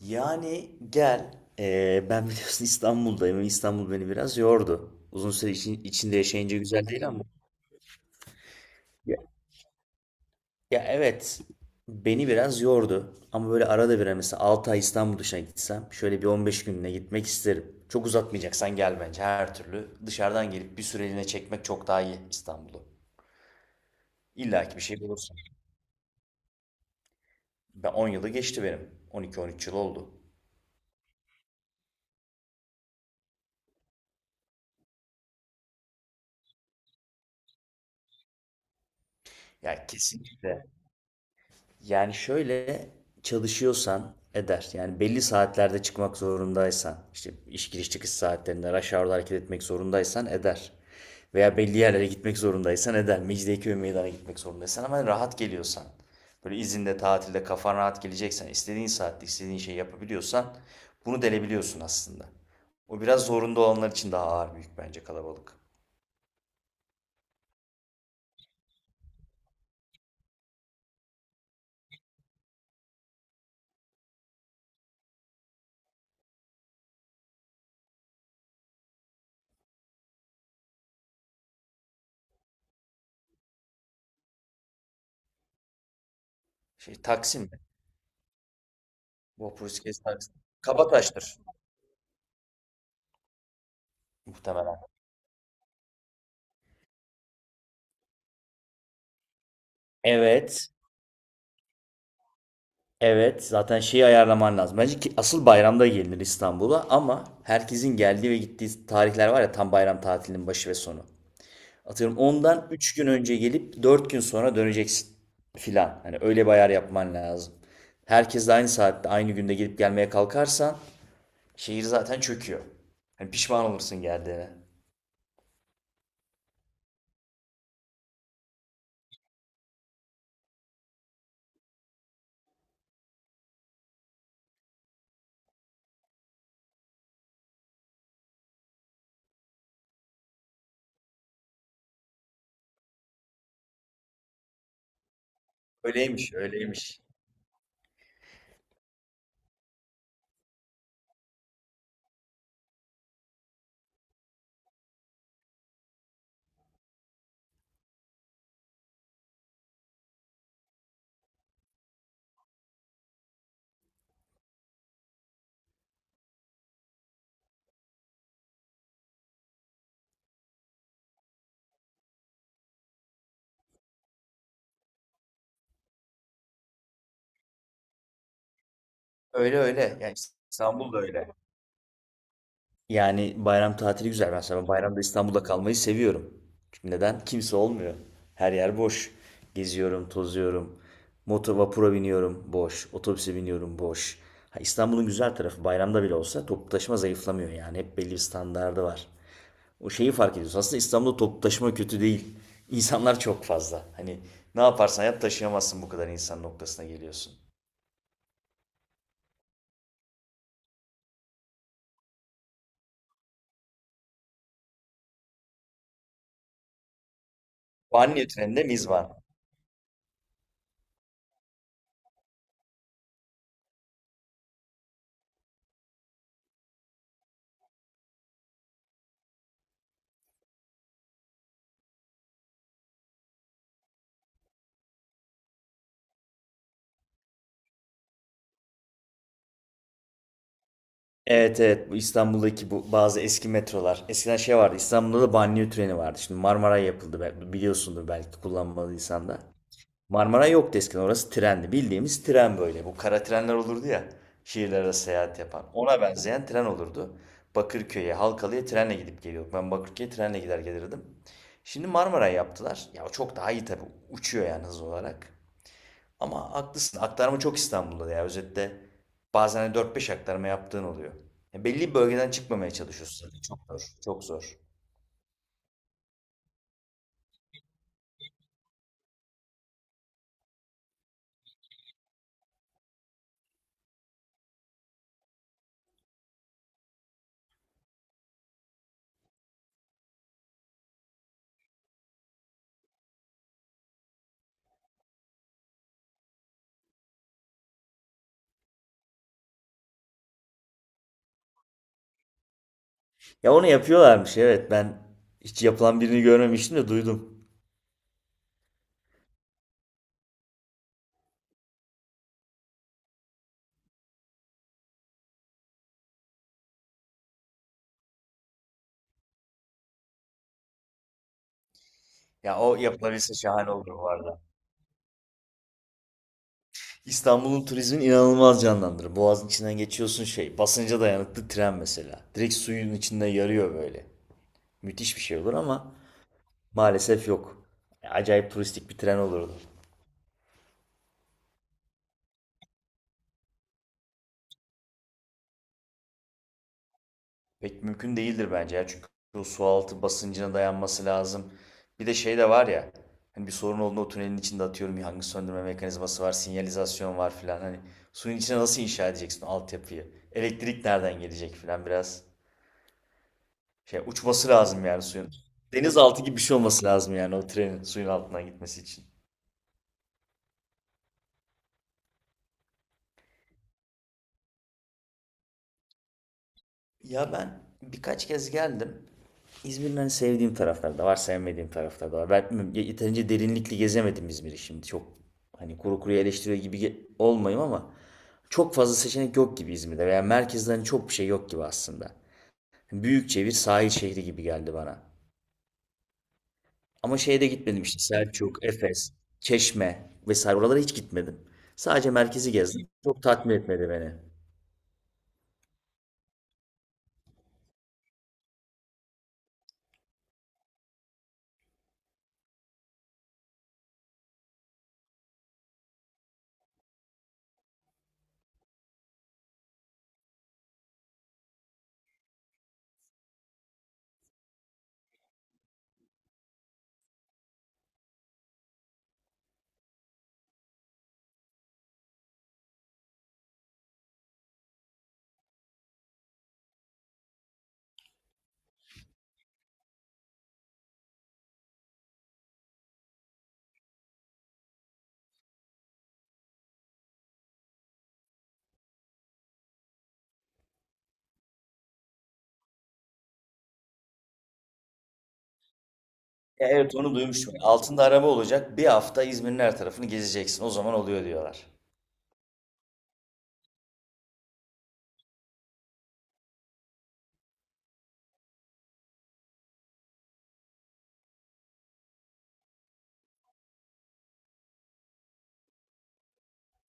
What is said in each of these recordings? Yani gel. Ben biliyorsun İstanbul'dayım. İstanbul beni biraz yordu. Uzun süre içinde yaşayınca güzel değil ama. Ya, ya evet. Beni biraz yordu. Ama böyle arada bir hani mesela 6 ay İstanbul dışına gitsem şöyle bir 15 gününe gitmek isterim. Çok uzatmayacaksan gel bence her türlü. Dışarıdan gelip bir süreliğine çekmek çok daha iyi İstanbul'u. İlla ki bir şey bulursun. Ben 10 yılı geçti benim. 12-13 yıl oldu. Ya kesinlikle. Yani şöyle çalışıyorsan eder. Yani belli saatlerde çıkmak zorundaysan, işte iş giriş çıkış saatlerinde rush hour'da hareket etmek zorundaysan eder. Veya belli yerlere gitmek zorundaysan eder. Mecidiyeköy meydana gitmek zorundaysan ama rahat geliyorsan. Böyle izinde, tatilde kafan rahat geleceksen, istediğin saatte istediğin şeyi yapabiliyorsan bunu delebiliyorsun aslında. O biraz zorunda olanlar için daha ağır büyük bence kalabalık. Şey Taksim mi? Vapur iskelesi Taksim. Kabataş'tır muhtemelen. Evet. Evet, zaten şeyi ayarlaman lazım. Bence ki asıl bayramda gelinir İstanbul'a ama herkesin geldiği ve gittiği tarihler var ya tam bayram tatilinin başı ve sonu. Atıyorum ondan 3 gün önce gelip 4 gün sonra döneceksin filan. Hani öyle bir ayar yapman lazım. Herkes de aynı saatte aynı günde gelip gelmeye kalkarsan şehir zaten çöküyor. Hani pişman olursun geldiğine. Öyleymiş, öyleymiş. Öyle öyle. Yani İstanbul da öyle. Yani bayram tatili güzel. Mesela bayramda İstanbul'da kalmayı seviyorum. Çünkü neden? Kimse olmuyor. Her yer boş. Geziyorum, tozuyorum. Motor vapura biniyorum, boş. Otobüse biniyorum, boş. Ha, İstanbul'un güzel tarafı bayramda bile olsa toplu taşıma zayıflamıyor yani. Hep belli bir standardı var. O şeyi fark ediyorsun. Aslında İstanbul'da toplu taşıma kötü değil. İnsanlar çok fazla. Hani ne yaparsan yap taşıyamazsın bu kadar insan noktasına geliyorsun. Banliyö treninde miz var. Evet, bu İstanbul'daki bu bazı eski metrolar. Eskiden şey vardı İstanbul'da da banliyö treni vardı. Şimdi Marmaray yapıldı biliyorsundur belki kullanmadıysan da. Marmaray yoktu eskiden orası trendi. Bildiğimiz tren böyle. Bu kara trenler olurdu ya şehirler arası seyahat yapan. Ona benzeyen tren olurdu. Bakırköy'e, Halkalı'ya trenle gidip geliyorduk. Ben Bakırköy'e trenle gider gelirdim. Şimdi Marmaray yaptılar. Ya o çok daha iyi tabii. Uçuyor yani hız olarak. Ama haklısın. Aktarma çok İstanbul'da ya. Özetle bazen hani 4-5 aktarma yaptığın oluyor. Ya belli bir bölgeden çıkmamaya çalışıyorsun zaten. Çok zor. Çok zor. Ya onu yapıyorlarmış evet ben hiç yapılan birini görmemiştim de duydum. Ya o yapılabilse şahane olur bu arada. İstanbul'un turizmini inanılmaz canlandırır. Boğazın içinden geçiyorsun şey. Basınca dayanıklı tren mesela. Direkt suyun içinde yarıyor böyle. Müthiş bir şey olur ama maalesef yok. Acayip turistik bir tren olurdu. Pek mümkün değildir bence ya. Çünkü o sualtı basıncına dayanması lazım. Bir de şey de var ya. Hani bir sorun olduğunda o tünelin içinde atıyorum yangın söndürme mekanizması var, sinyalizasyon var filan. Hani suyun içine nasıl inşa edeceksin o altyapıyı? Elektrik nereden gelecek filan biraz. Şey uçması lazım yani suyun. Denizaltı gibi bir şey olması lazım yani o trenin suyun altından gitmesi için. Ya ben birkaç kez geldim. İzmir'in hani sevdiğim tarafları da var, sevmediğim tarafları da var. Ben yeterince derinlikli gezemedim İzmir'i şimdi. Çok hani kuru kuruya eleştiriyor gibi olmayayım ama çok fazla seçenek yok gibi İzmir'de veya merkezde hani çok bir şey yok gibi aslında. Büyükçe bir sahil şehri gibi geldi bana. Ama şeye de gitmedim işte Selçuk, Efes, Çeşme vesaire oralara hiç gitmedim. Sadece merkezi gezdim. Çok tatmin etmedi beni. Ya evet onu duymuştum. Altında araba olacak. Bir hafta İzmir'in her tarafını gezeceksin. O zaman oluyor diyorlar.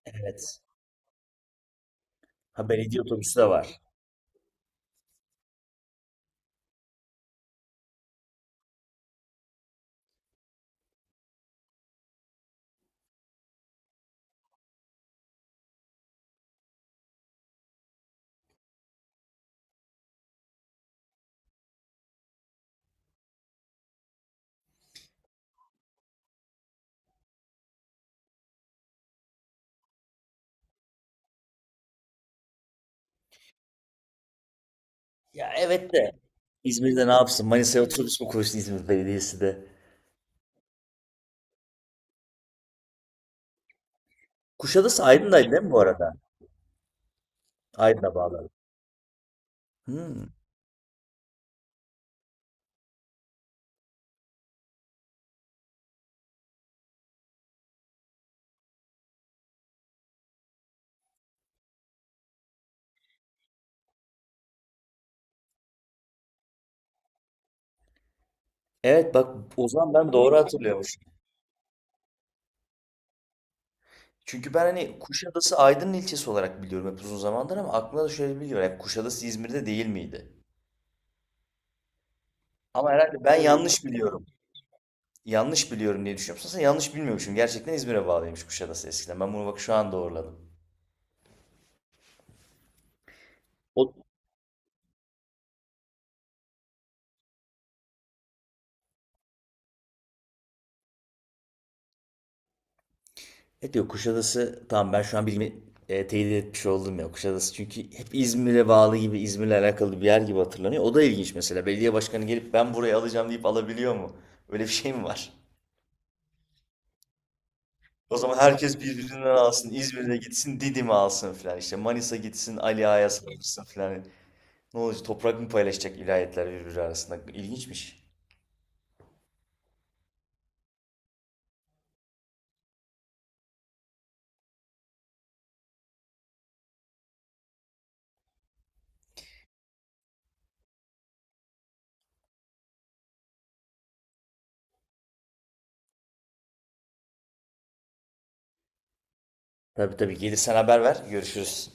Evet. Ha belediye otobüsü de var. Ya evet de İzmir'de ne yapsın? Manisa'ya otobüs mü koysun İzmir Belediyesi de? Kuşadası Aydın'daydı değil mi bu arada? Aydın'a bağlı. Hmm. Evet bak o zaman ben doğru hatırlıyormuşum. Çünkü ben hani Kuşadası Aydın'ın ilçesi olarak biliyorum hep uzun zamandır ama aklımda da şöyle biliyorum. Hep Kuşadası İzmir'de değil miydi? Ama herhalde ben yanlış biliyorum. Yanlış biliyorum diye düşünüyorum. Aslında yanlış bilmiyormuşum. Gerçekten İzmir'e bağlıymış Kuşadası eskiden. Ben bunu bak şu an doğruladım. O, evet diyor Kuşadası tamam ben şu an bilimi teyit etmiş oldum ya. Kuşadası çünkü hep İzmir'e bağlı gibi İzmir'le alakalı bir yer gibi hatırlanıyor. O da ilginç mesela. Belediye başkanı gelip ben burayı alacağım deyip alabiliyor mu? Öyle bir şey mi var? O zaman herkes birbirinden alsın. İzmir'de gitsin, Didim'e alsın filan. İşte Manisa gitsin, Ali Ağa'ya saldırsın filan. Ne olacak? Toprak mı paylaşacak vilayetler birbiri arasında? İlginçmiş. Tabii tabii. Gelirsen haber ver. Görüşürüz.